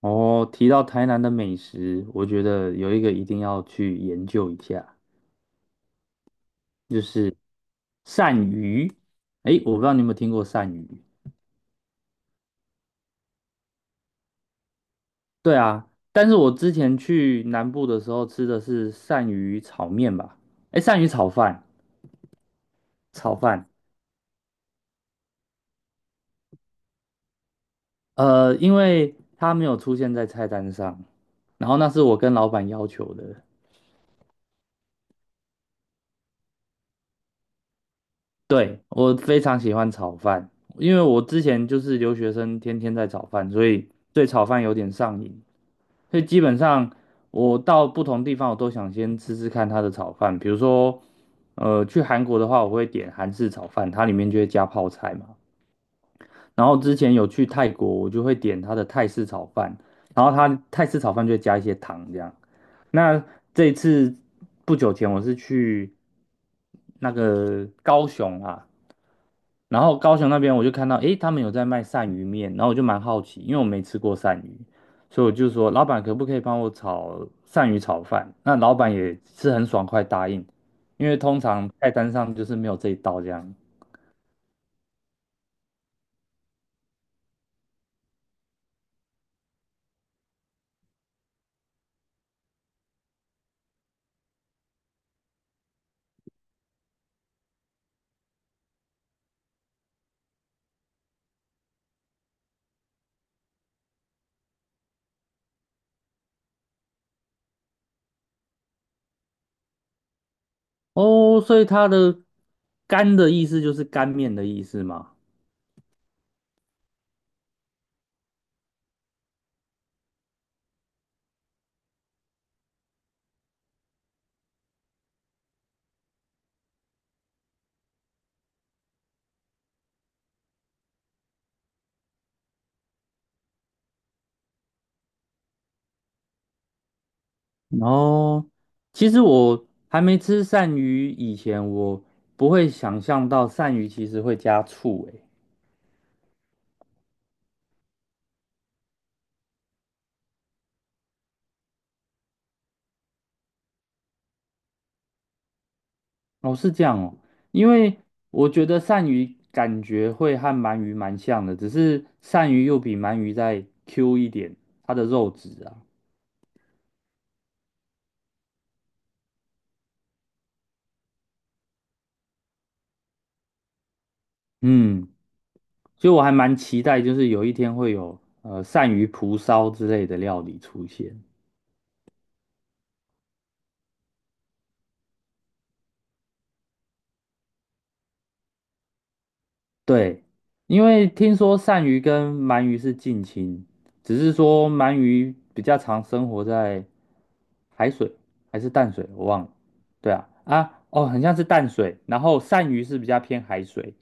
哦，提到台南的美食，我觉得有一个一定要去研究一下，就是鳝鱼。诶，我不知道你有没有听过鳝鱼？对啊，但是我之前去南部的时候吃的是鳝鱼炒面吧？诶，鳝鱼炒饭，炒饭。因为它没有出现在菜单上，然后那是我跟老板要求的。对，我非常喜欢炒饭，因为我之前就是留学生，天天在炒饭，所以对炒饭有点上瘾。所以基本上我到不同地方，我都想先吃吃看它的炒饭。比如说，去韩国的话，我会点韩式炒饭，它里面就会加泡菜嘛。然后之前有去泰国，我就会点它的泰式炒饭，然后它泰式炒饭就会加一些糖这样。那这一次不久前我是去那个高雄啊，然后高雄那边我就看到，诶，他们有在卖鳝鱼面，然后我就蛮好奇，因为我没吃过鳝鱼，所以我就说，老板可不可以帮我炒鳝鱼炒饭？那老板也是很爽快答应，因为通常菜单上就是没有这一道这样。哦，所以它的干的意思就是干面的意思嘛。然后其实我还没吃鳝鱼以前，我不会想象到鳝鱼其实会加醋，诶。哦，是这样哦，因为我觉得鳝鱼感觉会和鳗鱼蛮像的，只是鳝鱼又比鳗鱼再 Q 一点，它的肉质啊，嗯，所以我还蛮期待，就是有一天会有鳝鱼蒲烧之类的料理出现。对，因为听说鳝鱼跟鳗鱼是近亲，只是说鳗鱼比较常生活在海水还是淡水，我忘了。对啊，啊，哦，很像是淡水，然后鳝鱼是比较偏海水。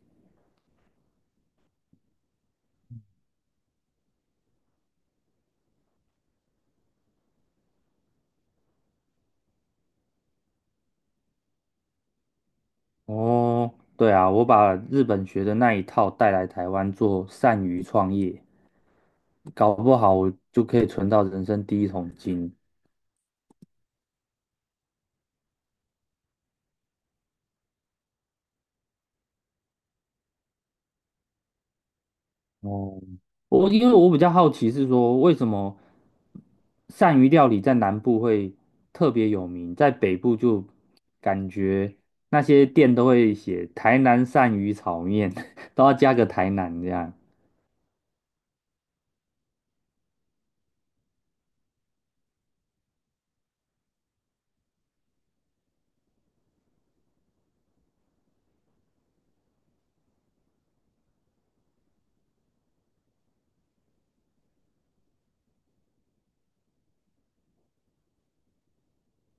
哦，对啊，我把日本学的那一套带来台湾做善于创业，搞不好我就可以存到人生第一桶金。哦，我因为我比较好奇是说，为什么鳝鱼料理在南部会特别有名，在北部就感觉那些店都会写台南鳝鱼炒面，都要加个台南这样。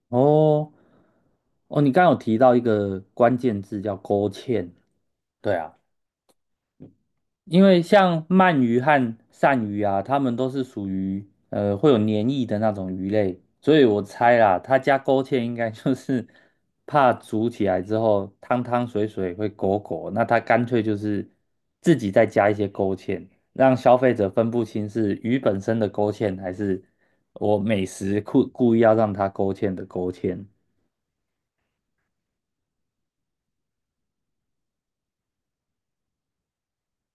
哦，哦，你刚刚有提到一个关键字叫勾芡，对啊。因为像鳗鱼和鳝鱼啊，它们都是属于会有黏液的那种鱼类，所以我猜啦，它加勾芡应该就是怕煮起来之后汤汤水水会狗狗，那它干脆就是自己再加一些勾芡，让消费者分不清是鱼本身的勾芡还是我美食故意要让它勾芡的勾芡。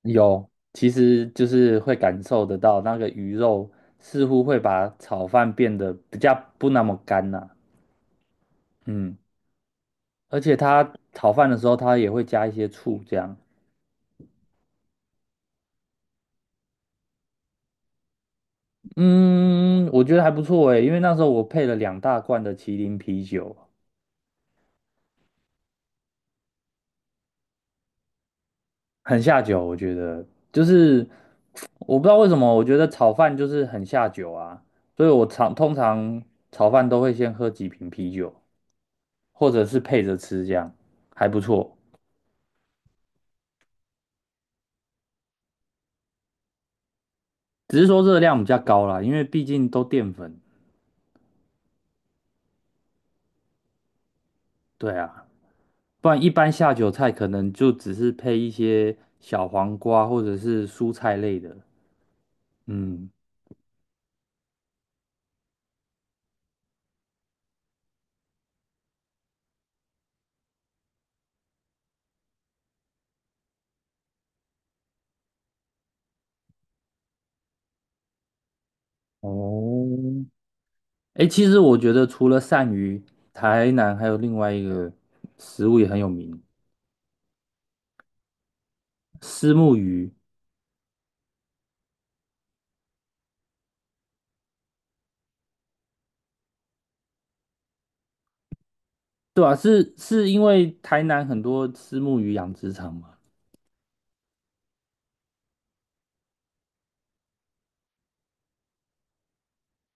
有，其实就是会感受得到那个鱼肉似乎会把炒饭变得比较不那么干呐、嗯，而且它炒饭的时候，它也会加一些醋，这样。嗯，我觉得还不错诶，因为那时候我配了两大罐的麒麟啤酒，很下酒。我觉得就是我不知道为什么，我觉得炒饭就是很下酒啊，所以通常炒饭都会先喝几瓶啤酒，或者是配着吃，这样还不错。只是说热量比较高啦，因为毕竟都淀粉。对啊，不然一般下酒菜可能就只是配一些小黄瓜或者是蔬菜类的。嗯，哦，哎，其实我觉得除了鳝鱼，台南还有另外一个食物也很有名，虱目鱼。对啊，是因为台南很多虱目鱼养殖场嘛。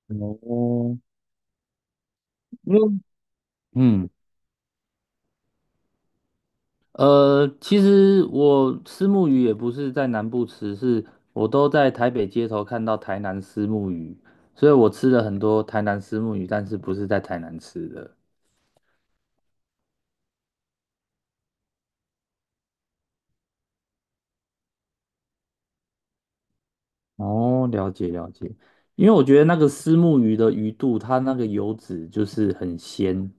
哦，因为嗯其实我虱目鱼也不是在南部吃，是我都在台北街头看到台南虱目鱼，所以我吃了很多台南虱目鱼，但是不是在台南吃的。哦，了解了解，因为我觉得那个虱目鱼的鱼肚，它那个油脂就是很鲜。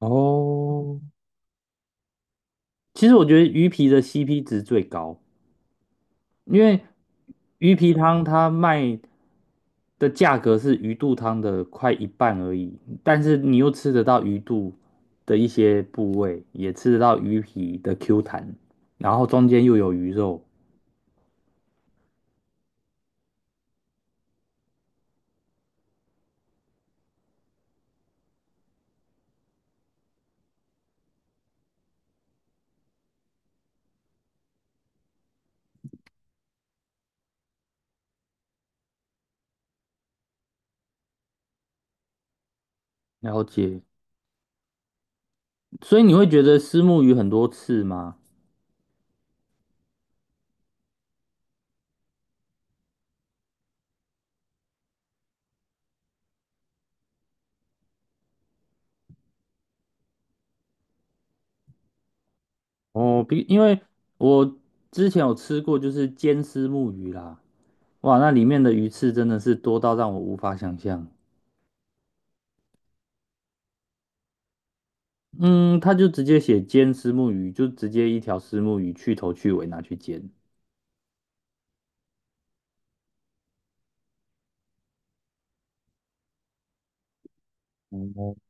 哦，其实我觉得鱼皮的 CP 值最高，因为鱼皮汤它卖的价格是鱼肚汤的快一半而已，但是你又吃得到鱼肚的一些部位，也吃得到鱼皮的 Q 弹，然后中间又有鱼肉，了解。所以你会觉得虱目鱼很多刺吗？哦，比因为我之前有吃过，就是煎虱目鱼啦，哇，那里面的鱼刺真的是多到让我无法想象。嗯，他就直接写煎虱目鱼，就直接一条虱目鱼去头去尾拿去煎。哦，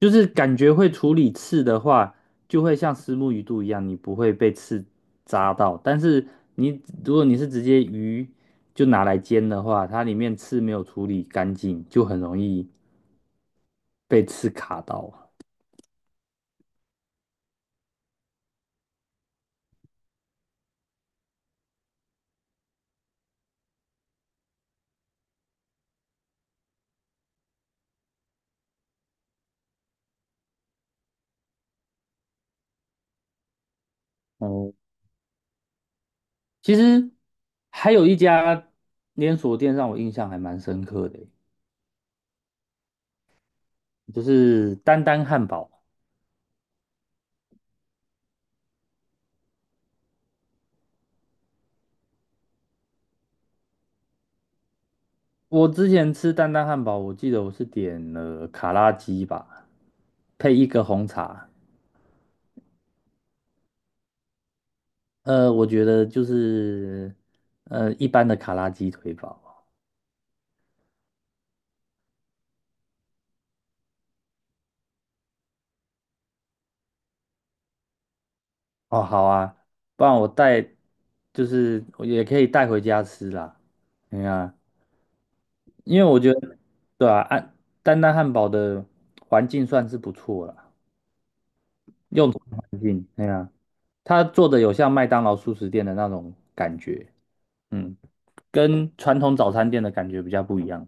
就是感觉会处理刺的话，就会像虱目鱼肚一样，你不会被刺扎到。但是你如果是直接鱼就拿来煎的话，它里面刺没有处理干净，就很容易被刺卡到。哦，其实还有一家连锁店让我印象还蛮深刻的，就是丹丹汉堡。我之前吃丹丹汉堡，我记得我是点了卡拉鸡吧，配一个红茶。我觉得就是一般的卡拉鸡腿堡。哦，好啊，不然我带就是我也可以带回家吃啦。哎呀，因为我觉得对啊，丹丹汉堡的环境算是不错啦，用餐环境，哎呀，它做的有像麦当劳速食店的那种感觉，嗯，跟传统早餐店的感觉比较不一样。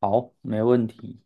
好，没问题。